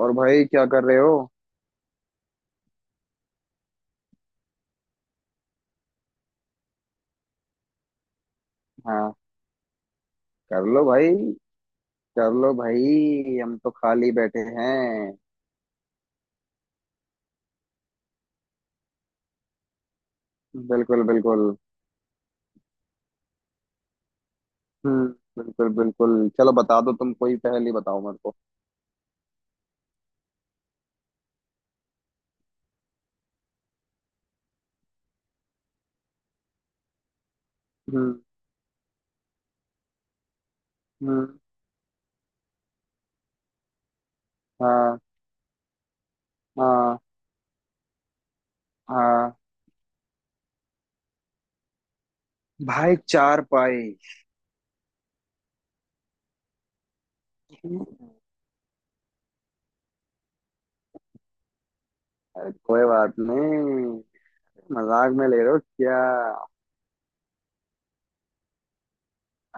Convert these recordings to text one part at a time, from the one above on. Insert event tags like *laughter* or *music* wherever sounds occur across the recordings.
और भाई क्या कर रहे हो। हाँ। कर लो भाई। कर लो भाई, हम तो खाली बैठे हैं। बिल्कुल बिल्कुल। हम्म। बिल्कुल बिल्कुल। चलो बता दो, तुम कोई पहेली बताओ मेरे को। हम्म। हम्म। हाँ। हाँ। हाँ भाई, चार पाई। अरे कोई बात नहीं। मजाक में ले रहे हो क्या?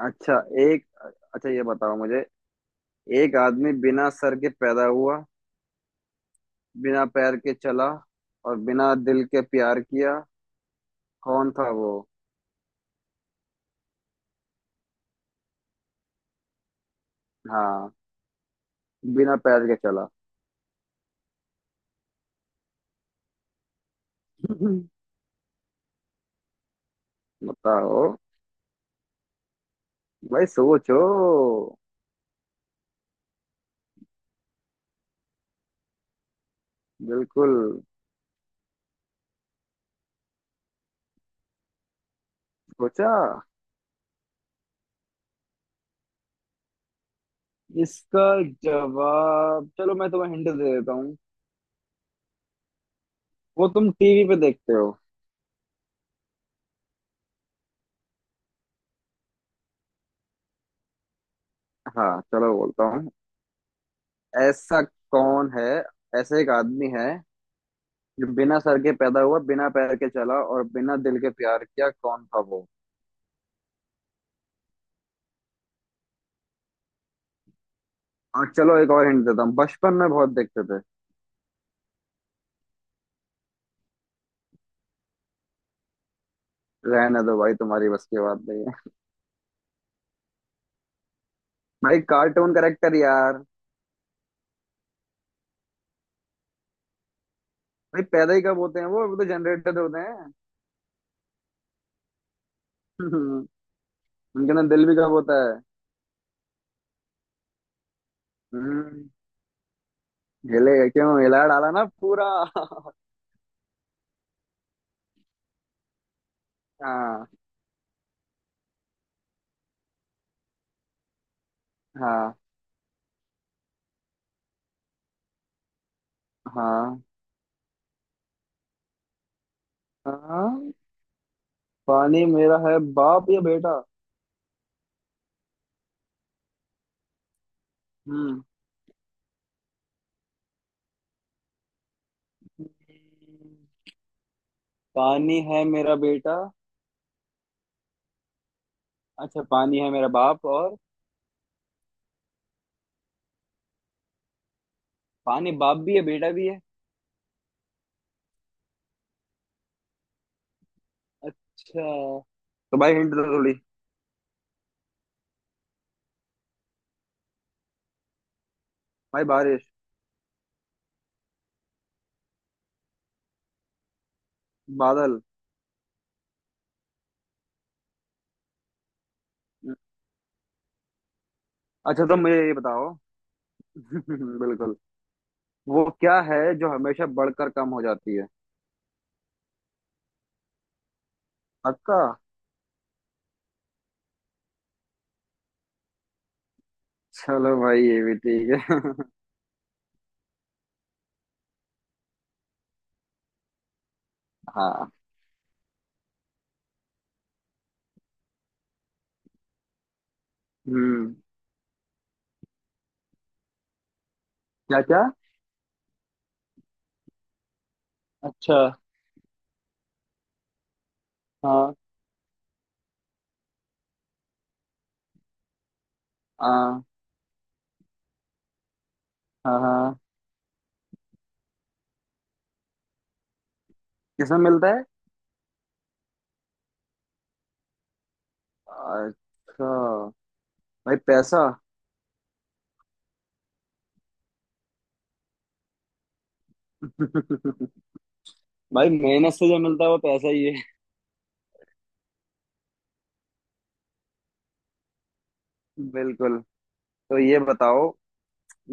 अच्छा। एक। अच्छा ये बताओ मुझे, एक आदमी बिना सर के पैदा हुआ, बिना पैर के चला, और बिना दिल के प्यार किया। कौन था वो? हाँ, बिना पैर के चला। *laughs* बताओ। भाई सोचो। बिल्कुल। सोचा। इसका जवाब चलो मैं तुम्हें हिंट दे देता हूँ। वो तुम टीवी पे देखते हो। हाँ चलो बोलता हूँ। ऐसा कौन है? ऐसा एक आदमी है जो बिना सर के पैदा हुआ, बिना पैर के चला और बिना दिल के प्यार किया। कौन था वो? और चलो एक और हिंट देता हूँ, बचपन में बहुत देखते थे। रहने दो भाई, तुम्हारी बस की बात नहीं है। भाई कार्टून करेक्टर यार। भाई पैदा ही कब होते हैं, वो तो जनरेटेड होते हैं। *laughs* उनके अंदर दिल भी कब होता है। हम्म। हिलेगा क्यों, हिला डाला ना पूरा। *laughs* हाँ। हाँ। हाँ। हाँ, पानी मेरा है बाप या बेटा? हम्म, पानी है मेरा बेटा। अच्छा, पानी है मेरा बाप और पानी बाप भी है बेटा भी है। अच्छा, तो भाई हिंट दो थोड़ी। भाई बारिश। बादल। अच्छा तो मुझे ये बताओ, *laughs* बिल्कुल, वो क्या है जो हमेशा बढ़कर कम हो जाती है? पक्का? चलो भाई ये भी ठीक है। *laughs* हाँ। हम्म। क्या क्या? अच्छा। हाँ। आ, हाँ हाँ, किसमें मिलता है? अच्छा, भाई पैसा। *laughs* भाई मेहनत से जो मिलता है वो पैसा ही है। बिल्कुल। तो ये बताओ,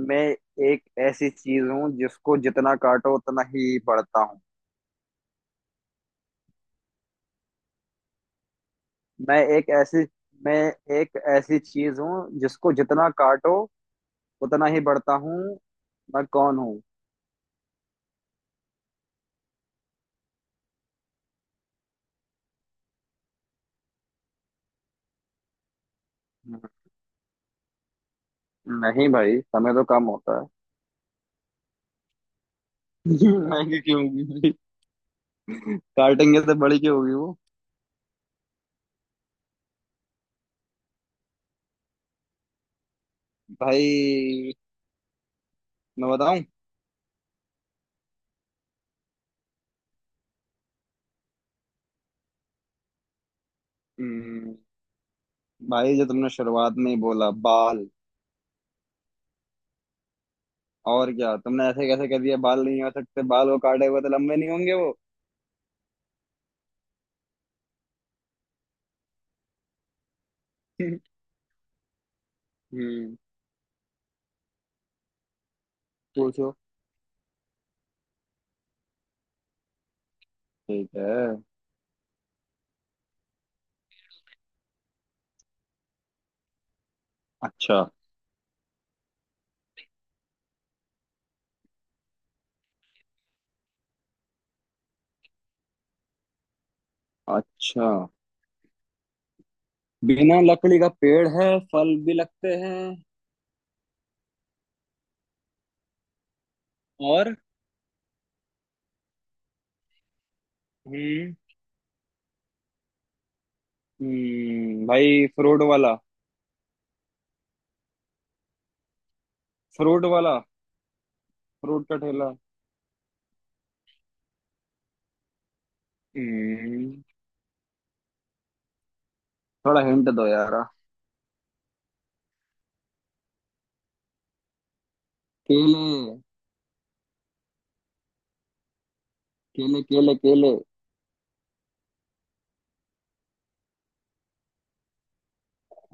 मैं एक ऐसी चीज हूँ जिसको जितना काटो उतना ही बढ़ता हूँ। मैं एक ऐसी मैं एक ऐसी चीज हूँ जिसको जितना काटो उतना ही बढ़ता हूँ। मैं कौन हूँ? नहीं भाई, समय तो कम होता है। *laughs* महंगी क्यों होगी भाई, काटेंगे तो बड़ी क्यों होगी वो? भाई मैं बताऊं? हम्म, भाई जो तुमने शुरुआत में ही बोला, बाल। और क्या, तुमने ऐसे कैसे कह दिया बाल नहीं हो सकते? बाल वो काटे हुए तो लंबे नहीं होंगे वो? *laughs* हम्म। पूछो। ठीक है। अच्छा। अच्छा, बिना लकड़ी का पेड़ है, फल भी लगते हैं। और? हम्म। भाई फ्रूट वाला। फ्रूट वाला। फ्रूट का ठेला। हम्म, थोड़ा हिंट दो यार। केले। केले केले। केले।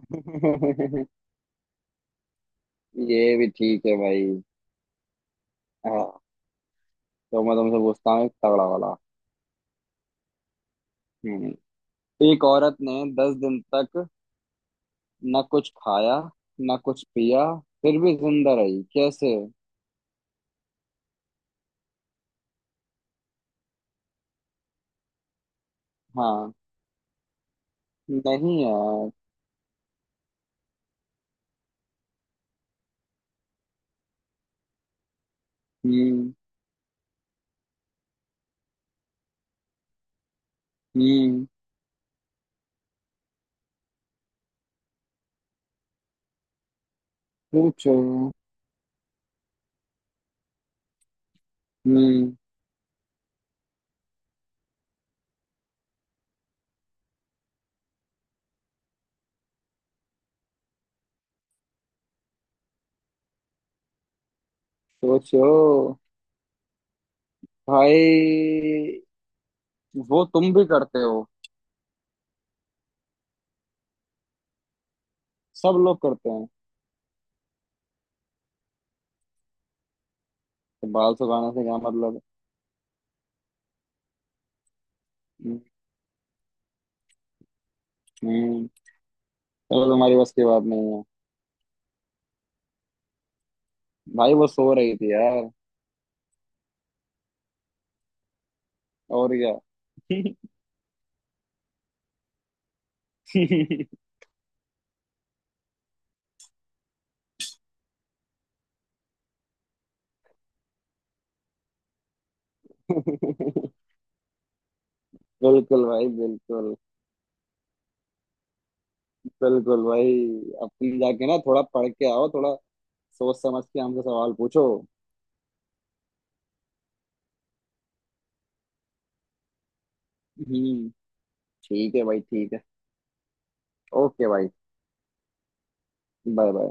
*laughs* ये भी ठीक है भाई। हाँ, तो मैं तुमसे पूछता हूँ एक तगड़ा वाला। हम्म। एक औरत ने दस दिन तक न कुछ खाया न कुछ पिया, फिर भी जिंदा रही, कैसे? हाँ। नहीं यार। हम्म। हम्म। सोचो। हम्म। सोचो भाई, वो तुम भी करते हो। सब लोग करते हैं। तो बाल सुखाने से क्या मतलब है? हम्म। चलो, तुम्हारी बस की बात नहीं है। भाई वो सो रही थी यार। और क्या? *laughs* बिल्कुल भाई, बिल्कुल। बिल्कुल भाई, अपनी जाके ना थोड़ा पढ़ के आओ थोड़ा, सोच समझ के हमसे सवाल पूछो। हम्म। ठीक है भाई, ठीक है। ओके भाई। Bye bye.